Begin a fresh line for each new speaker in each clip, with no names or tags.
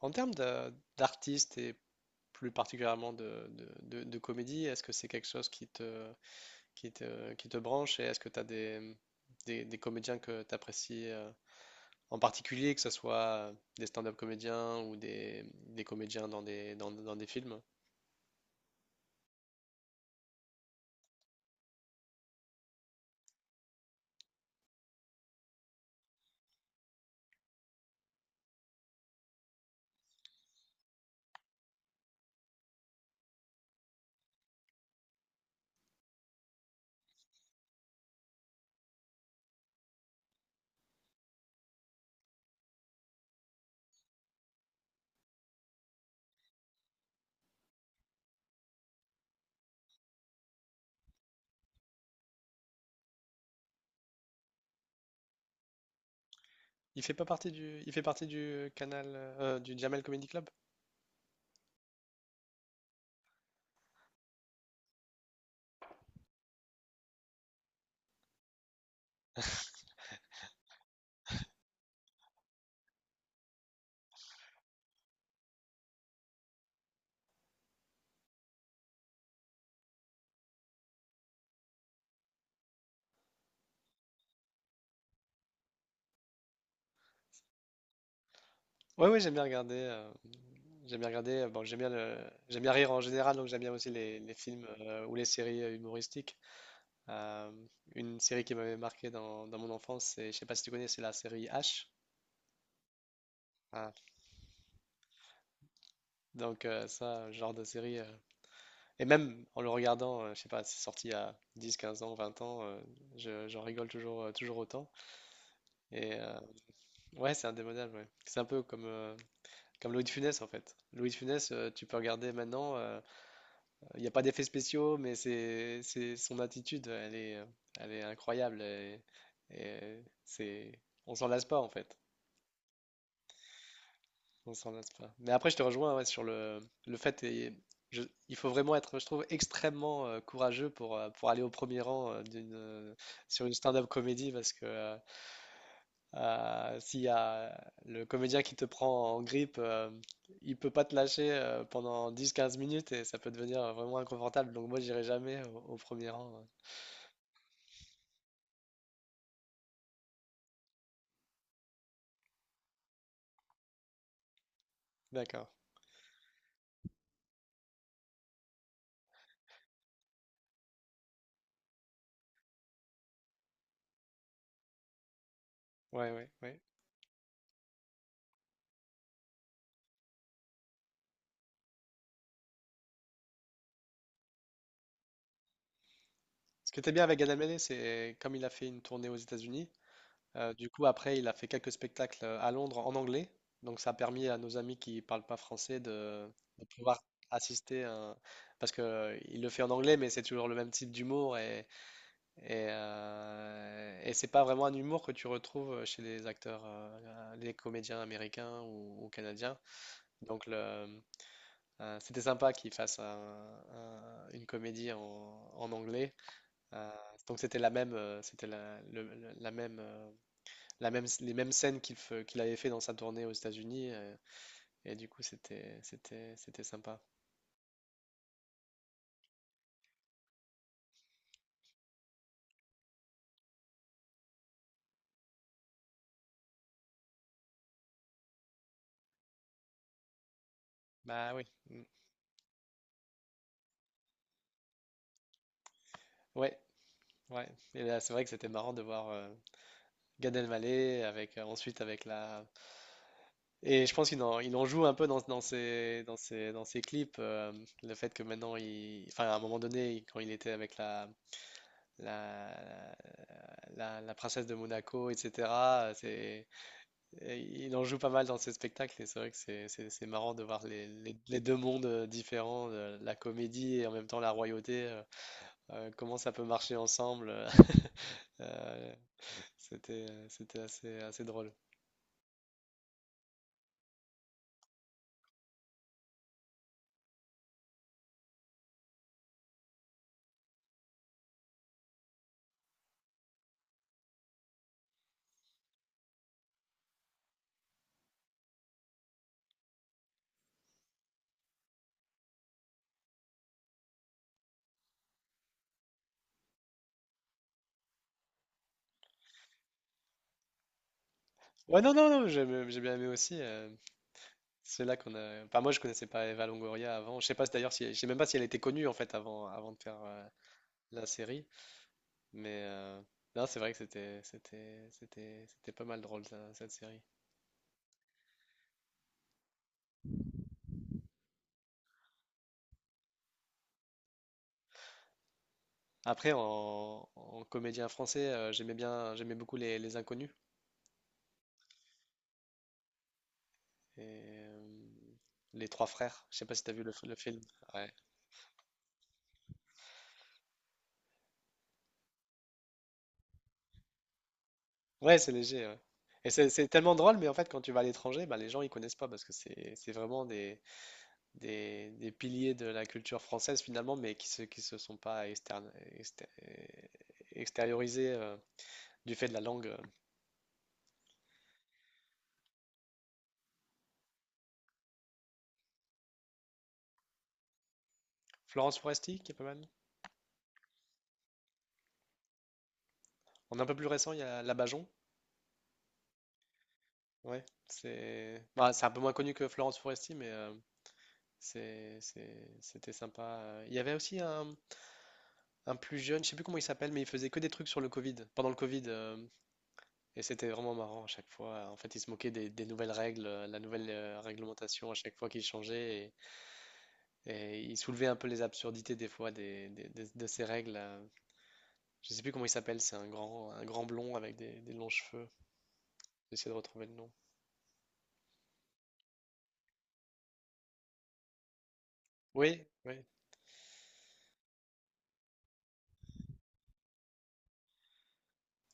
En termes d'artistes et plus particulièrement de comédie, est-ce que c'est quelque chose qui te branche, et est-ce que tu as des comédiens que tu apprécies en particulier, que ce soit des stand-up comédiens ou des comédiens dans dans des films? Il fait pas partie du, il fait partie du canal du Jamel Comedy Club? Ouais, ouais, j'aime bien regarder. Bon, j'aime bien rire en général, donc j'aime bien aussi les films ou les séries humoristiques. Euh, une série qui m'avait marqué dans mon enfance, c'est, je sais pas si tu connais, c'est la série H. Ah, donc ça, genre de série. Et même en le regardant, je sais pas, c'est sorti il y a 10, 15 ans, 20 ans, j'en rigole toujours, toujours autant. Et euh, ouais, c'est indémodable, ouais. C'est un peu comme, comme Louis de Funès en fait. Louis de Funès, tu peux regarder maintenant, il n'y a pas d'effets spéciaux, mais c'est son attitude, elle est incroyable. Et c'est, on s'en lasse pas en fait. On s'en lasse pas. Mais après, je te rejoins ouais, sur le fait, et je- il faut vraiment être, je trouve, extrêmement courageux pour aller au premier rang sur une stand-up comédie parce que s'il y a le comédien qui te prend en grippe, il peut pas te lâcher pendant 10 à 15 minutes, et ça peut devenir vraiment inconfortable. Donc moi, j'irai jamais au premier rang. Ouais. D'accord. Ouais, ouais, ouais. Ce qui était bien avec Adam Elmaleh, c'est comme il a fait une tournée aux États-Unis. Du coup, après, il a fait quelques spectacles à Londres en anglais. Donc, ça a permis à nos amis qui parlent pas français de pouvoir assister à Parce que il le fait en anglais, mais c'est toujours le même type d'humour. Et et c'est pas vraiment un humour que tu retrouves chez les acteurs, les comédiens américains ou canadiens. Donc, le- C'était sympa qu'il fasse une comédie en anglais. Euh, donc, c'était la même, c'était la même. Les mêmes scènes qu'il avait fait dans sa tournée aux États-Unis, et du coup, c'était sympa. Bah oui. Mm. Ouais, ouais. Et là, c'est vrai que c'était marrant de voir Gad Elmaleh avec, ensuite avec la. Et je pense qu'il en, il en joue un peu dans ses clips. Le fait que maintenant, il... enfin, à un moment donné, il- quand il était avec la. La, la princesse de Monaco, etc. C'est, et il en joue pas mal dans ses spectacles, et c'est vrai que c'est marrant de voir les deux mondes différents, la comédie et en même temps la royauté, comment ça peut marcher ensemble. Euh, C'était assez drôle. Ouais, non, non, non, j'ai bien aimé aussi. C'est là qu'on a. Enfin, moi je connaissais pas Eva Longoria avant. Je sais pas si- d'ailleurs, si, je sais même pas si elle était connue en fait avant, avant de faire la série, mais non, c'est vrai que c'était pas mal drôle ça, cette série. Après, en comédien français, j'aimais beaucoup les Inconnus et les Trois Frères. Je sais pas si t'as vu le film. Ouais, ouais, c'est léger. Ouais. Et c'est tellement drôle, mais en fait, quand tu vas à l'étranger, bah, les gens ils connaissent pas, parce que c'est vraiment des piliers de la culture française finalement, mais qui se sont pas externe, exté- extériorisés du fait de la langue. Florence Foresti, qui est pas mal. En un peu plus récent, il y a Labajon. Ouais, c'est bah, c'est un peu moins connu que Florence Foresti, c'est, c'était sympa. Il y avait aussi un plus jeune, je sais plus comment il s'appelle, mais il faisait que des trucs sur le Covid, pendant le Covid, et c'était vraiment marrant à chaque fois. En fait, il se moquait des nouvelles règles, la nouvelle réglementation à chaque fois qu'il changeait. Et il soulevait un peu les absurdités des fois de ces règles. Je sais plus comment il s'appelle, c'est un grand blond avec des longs cheveux. J'essaie de retrouver le nom. Oui, oui.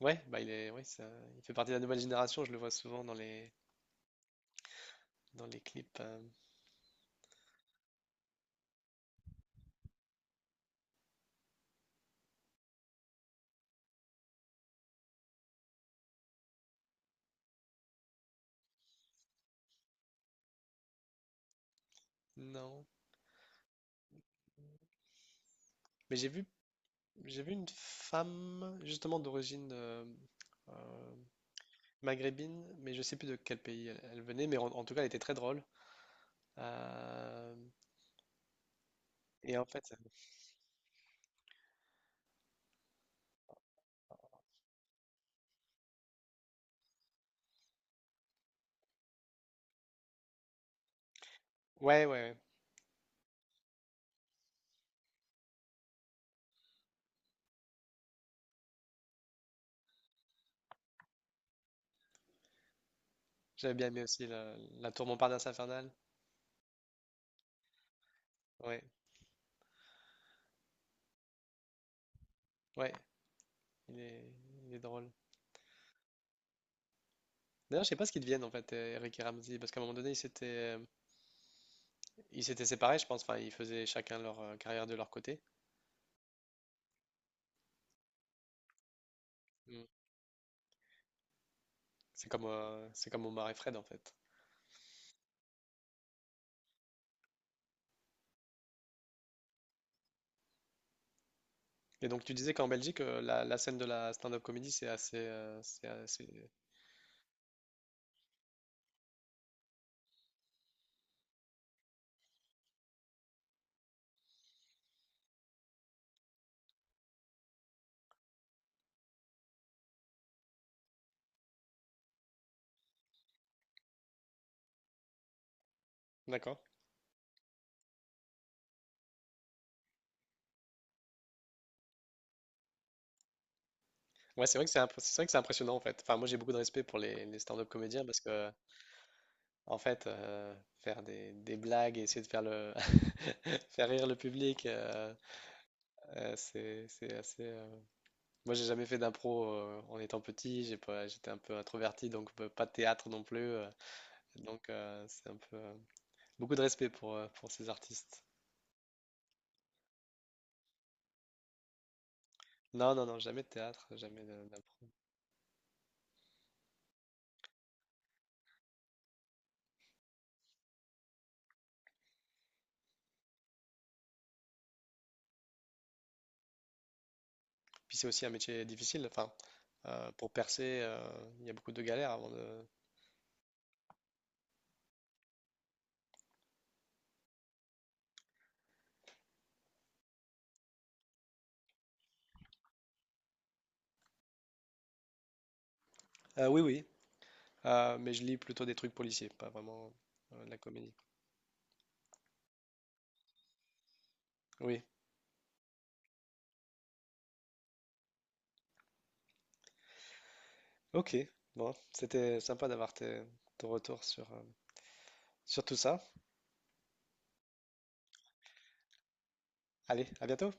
Ouais, bah il est, ouais, ça, il fait partie de la nouvelle génération, je le vois souvent dans dans les clips. Euh. Non. Mais j'ai vu J'ai vu une femme justement d'origine euh, maghrébine, mais je sais plus de quel pays elle venait, mais en tout cas elle était très drôle. Euh, et en fait, euh, ouais, ouais, ouais. J'avais bien aimé aussi la tour Montparnasse infernale. Ouais, ouais, il est, il est drôle. D'ailleurs, je sais pas ce qu'ils deviennent en fait, Eric et Ramzy, parce qu'à un moment donné, ils s'étaient séparés, je pense. Enfin, ils faisaient chacun leur carrière de leur côté. Mm. C'est comme Omar et Fred en fait. Et donc tu disais qu'en Belgique, la scène de la stand-up comedy, c'est assez... D'accord. Ouais, c'est vrai que c'est impressionnant en fait. Enfin, moi j'ai beaucoup de respect pour les stand-up comédiens, parce que en fait, faire des blagues et essayer de faire le faire rire le public, c'est assez. Moi j'ai jamais fait d'impro en étant petit. J'ai pas, j'étais un peu introverti, donc pas de théâtre non plus. C'est un peu beaucoup de respect pour ces artistes. Non non non, jamais de théâtre, jamais de- d'impro. Puis c'est aussi un métier difficile. Enfin, pour percer, il y a beaucoup de galères avant de. Oui, oui. Mais je lis plutôt des trucs policiers, pas vraiment de la comédie. Oui. Ok. Bon, c'était sympa d'avoir ton retour sur, sur tout ça. Allez, à bientôt.